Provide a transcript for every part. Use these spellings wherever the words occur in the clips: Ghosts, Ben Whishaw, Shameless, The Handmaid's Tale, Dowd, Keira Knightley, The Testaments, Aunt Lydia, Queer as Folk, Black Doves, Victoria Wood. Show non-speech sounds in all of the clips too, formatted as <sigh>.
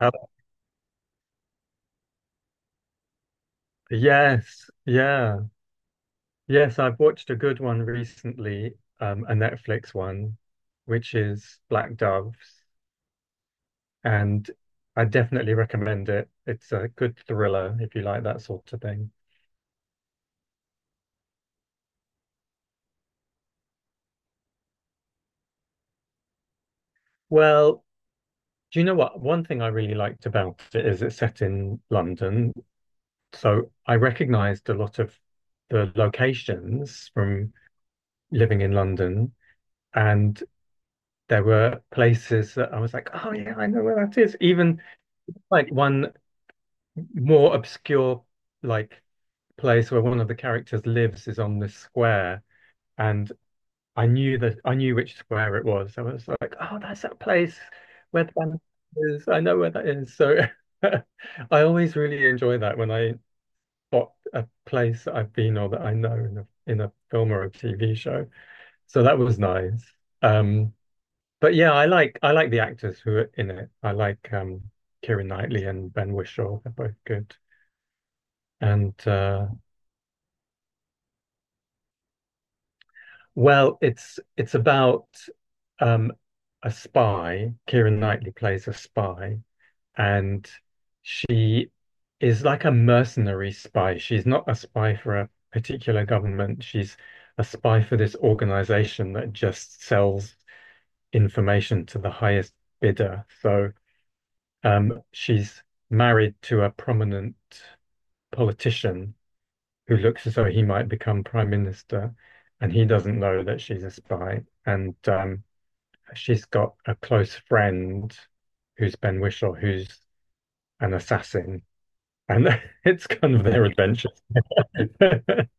Uh, yes, yeah, yes. I've watched a good one recently, a Netflix one, which is Black Doves, and I definitely recommend it. It's a good thriller if you like that sort of thing. Well, do you know what? One thing I really liked about it is it's set in London, so I recognized a lot of the locations from living in London, and there were places that I was like, oh yeah, I know where that is. Even like one more obscure like place where one of the characters lives is on this square and I knew which square it was. I was like, oh, that's that place where the band is. I know where that is. So <laughs> I always really enjoy that when I spot a place that I've been or that I know in a film or a TV show. So that was nice. Um, but yeah, I like the actors who are in it. I like Keira Knightley and Ben Whishaw. They're both good. And Well, it's about um, a spy. Keira Knightley plays a spy, and she is like a mercenary spy. She's not a spy for a particular government. She's a spy for this organization that just sells information to the highest bidder. So she's married to a prominent politician who looks as though he might become prime minister, and he doesn't know that she's a spy. And She's got a close friend who's Ben Whishaw, who's an assassin. And <laughs> it's kind of their adventures. <laughs>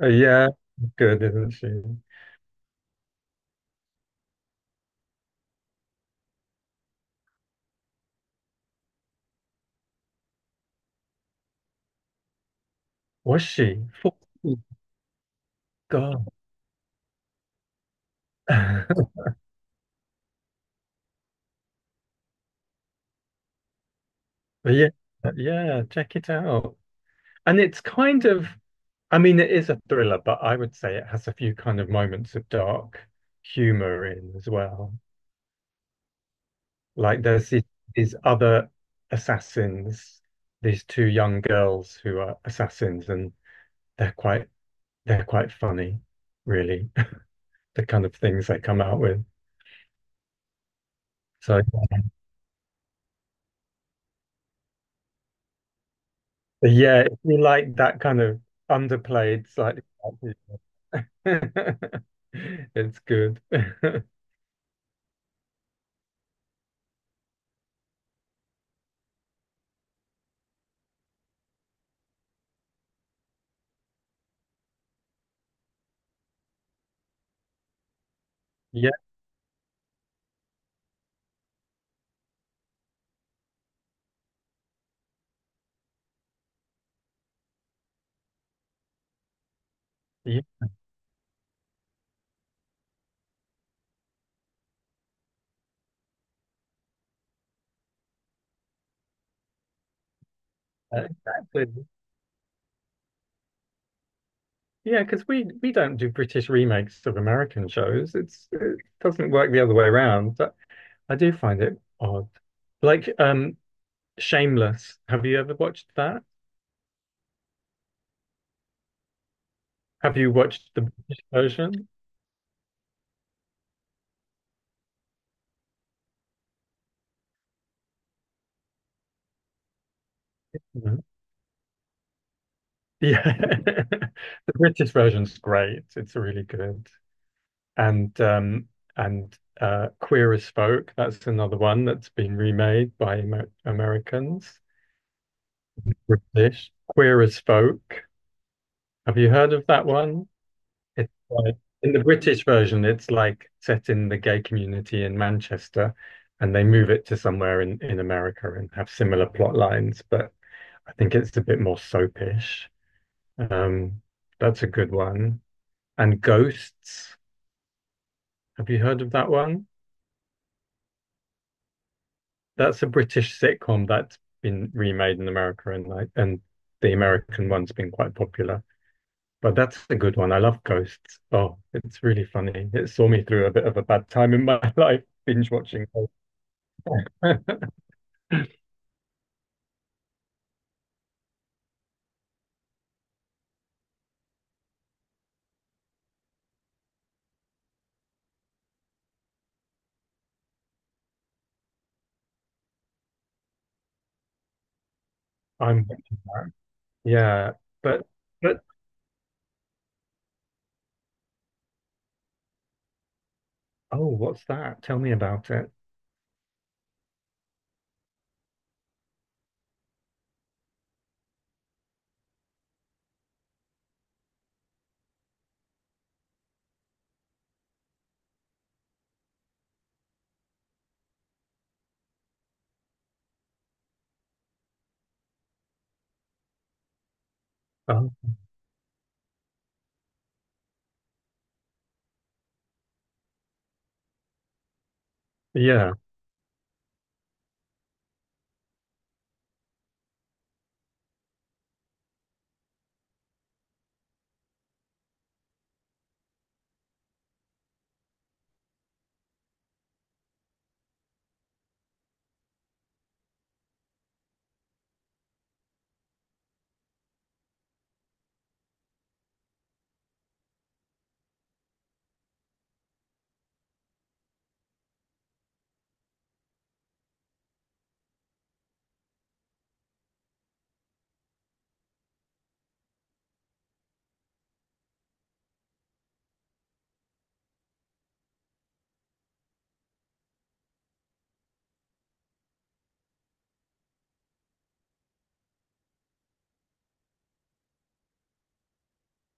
Yeah, good, isn't she? Was she? Oh, God. <laughs> Yeah, yeah, check it out. And it's kind of, I mean, it is a thriller, but I would say it has a few kind of moments of dark humor in as well. Like there's these, other assassins, these two young girls who are assassins, and they're quite they're quite funny, really, <laughs> the kind of things they come out with. So yeah, if you like that kind of underplayed, slightly, <laughs> it's good. <laughs> Yeah, yeah, exactly. Yeah, because we don't do British remakes of American shows. It doesn't work the other way around. But I do find it odd. Like Shameless. Have you ever watched that? Have you watched the British version? No. Yeah. <laughs> The British version's great. It's really good. And um and Queer as Folk, that's another one that's been remade by Americans. British. Queer as Folk. Have you heard of that one? It's like in the British version, it's like set in the gay community in Manchester, and they move it to somewhere in America and have similar plot lines, but I think it's a bit more soapish. Um, that's a good one. And Ghosts, have you heard of that one? That's a British sitcom that's been remade in America and the American one's been quite popular. But that's a good one. I love Ghosts. Oh, it's really funny. It saw me through a bit of a bad time in my <laughs> life, binge watching. <laughs> I'm watching that. Yeah, but but oh, what's that? Tell me about it. Oh, yeah,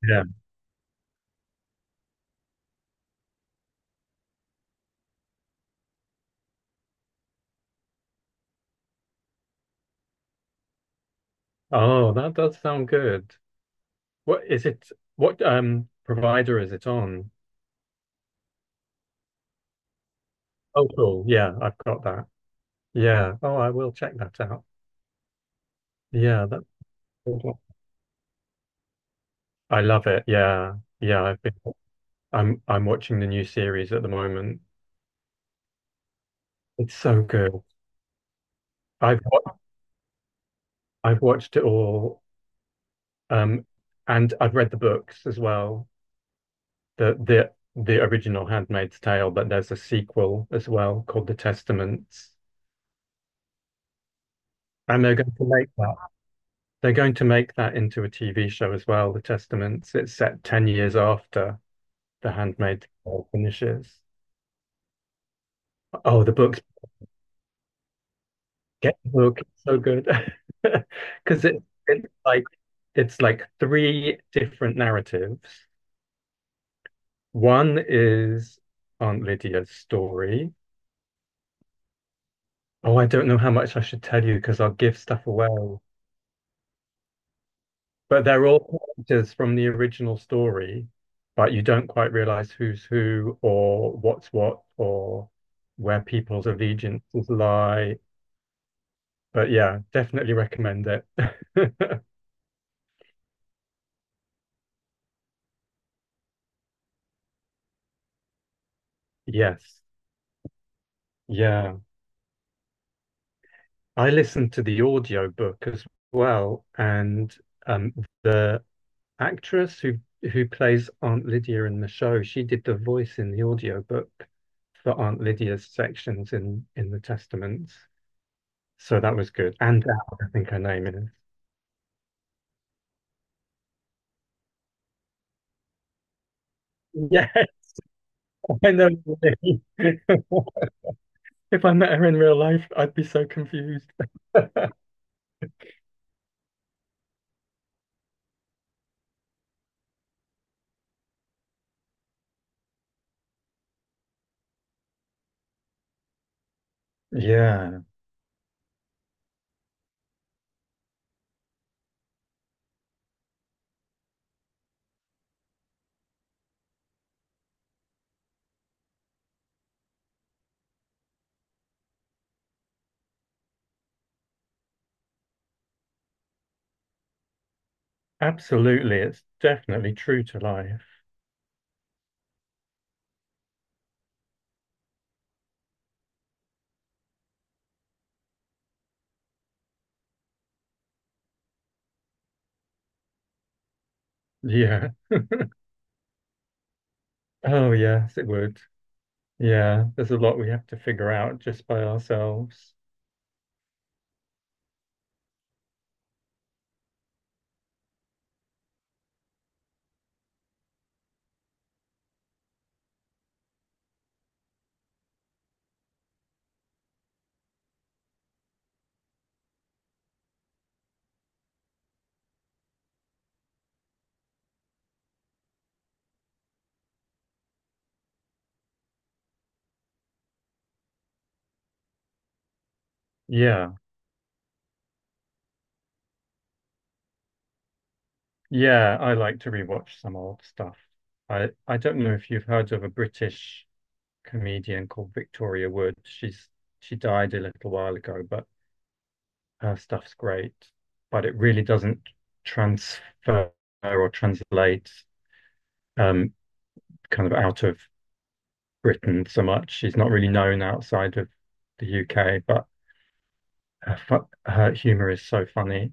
yeah. Oh, that does sound good. What is it? What provider is it on? Oh, cool. Yeah, I've got that. Yeah. Oh, I will check that out. Yeah, that's I love it. Yeah. Yeah, I've been I'm watching the new series at the moment. It's so good. I've wa- I've watched it all um and I've read the books as well. The the the original Handmaid's Tale, but there's a sequel as well called The Testaments. And they're going to make that. They're going to make that into a TV show as well, The Testaments. It's set 10 years after The Handmaid's Tale finishes. Oh, the book's get the book. It's so good. Because <laughs> it's like three different narratives. One is Aunt Lydia's story. Oh, I don't know how much I should tell you because I'll give stuff away. But they're all characters from the original story, but you don't quite realize who's who or what's what or where people's allegiances lie. But yeah, definitely recommend it. <laughs> Yes. Yeah. I listened to the audio book as well, and um, the actress who plays Aunt Lydia in the show, she did the voice in the audio book for Aunt Lydia's sections in the Testaments. So that was good. And Dowd, I think her name is. Yeah, <laughs> I know. <laughs> If I met her in real life, I'd be so confused. Yeah, absolutely. It's definitely true to life. Yeah. Oh, yes, it would. Yeah, there's a lot we have to figure out just by ourselves. Yeah. Yeah, I like to rewatch some old stuff. I don't know if you've heard of a British comedian called Victoria Wood. She died a little while ago, but her stuff's great, but it really doesn't transfer or translate um, kind of out of Britain so much. She's not really known outside of the UK, but her, her humor is so funny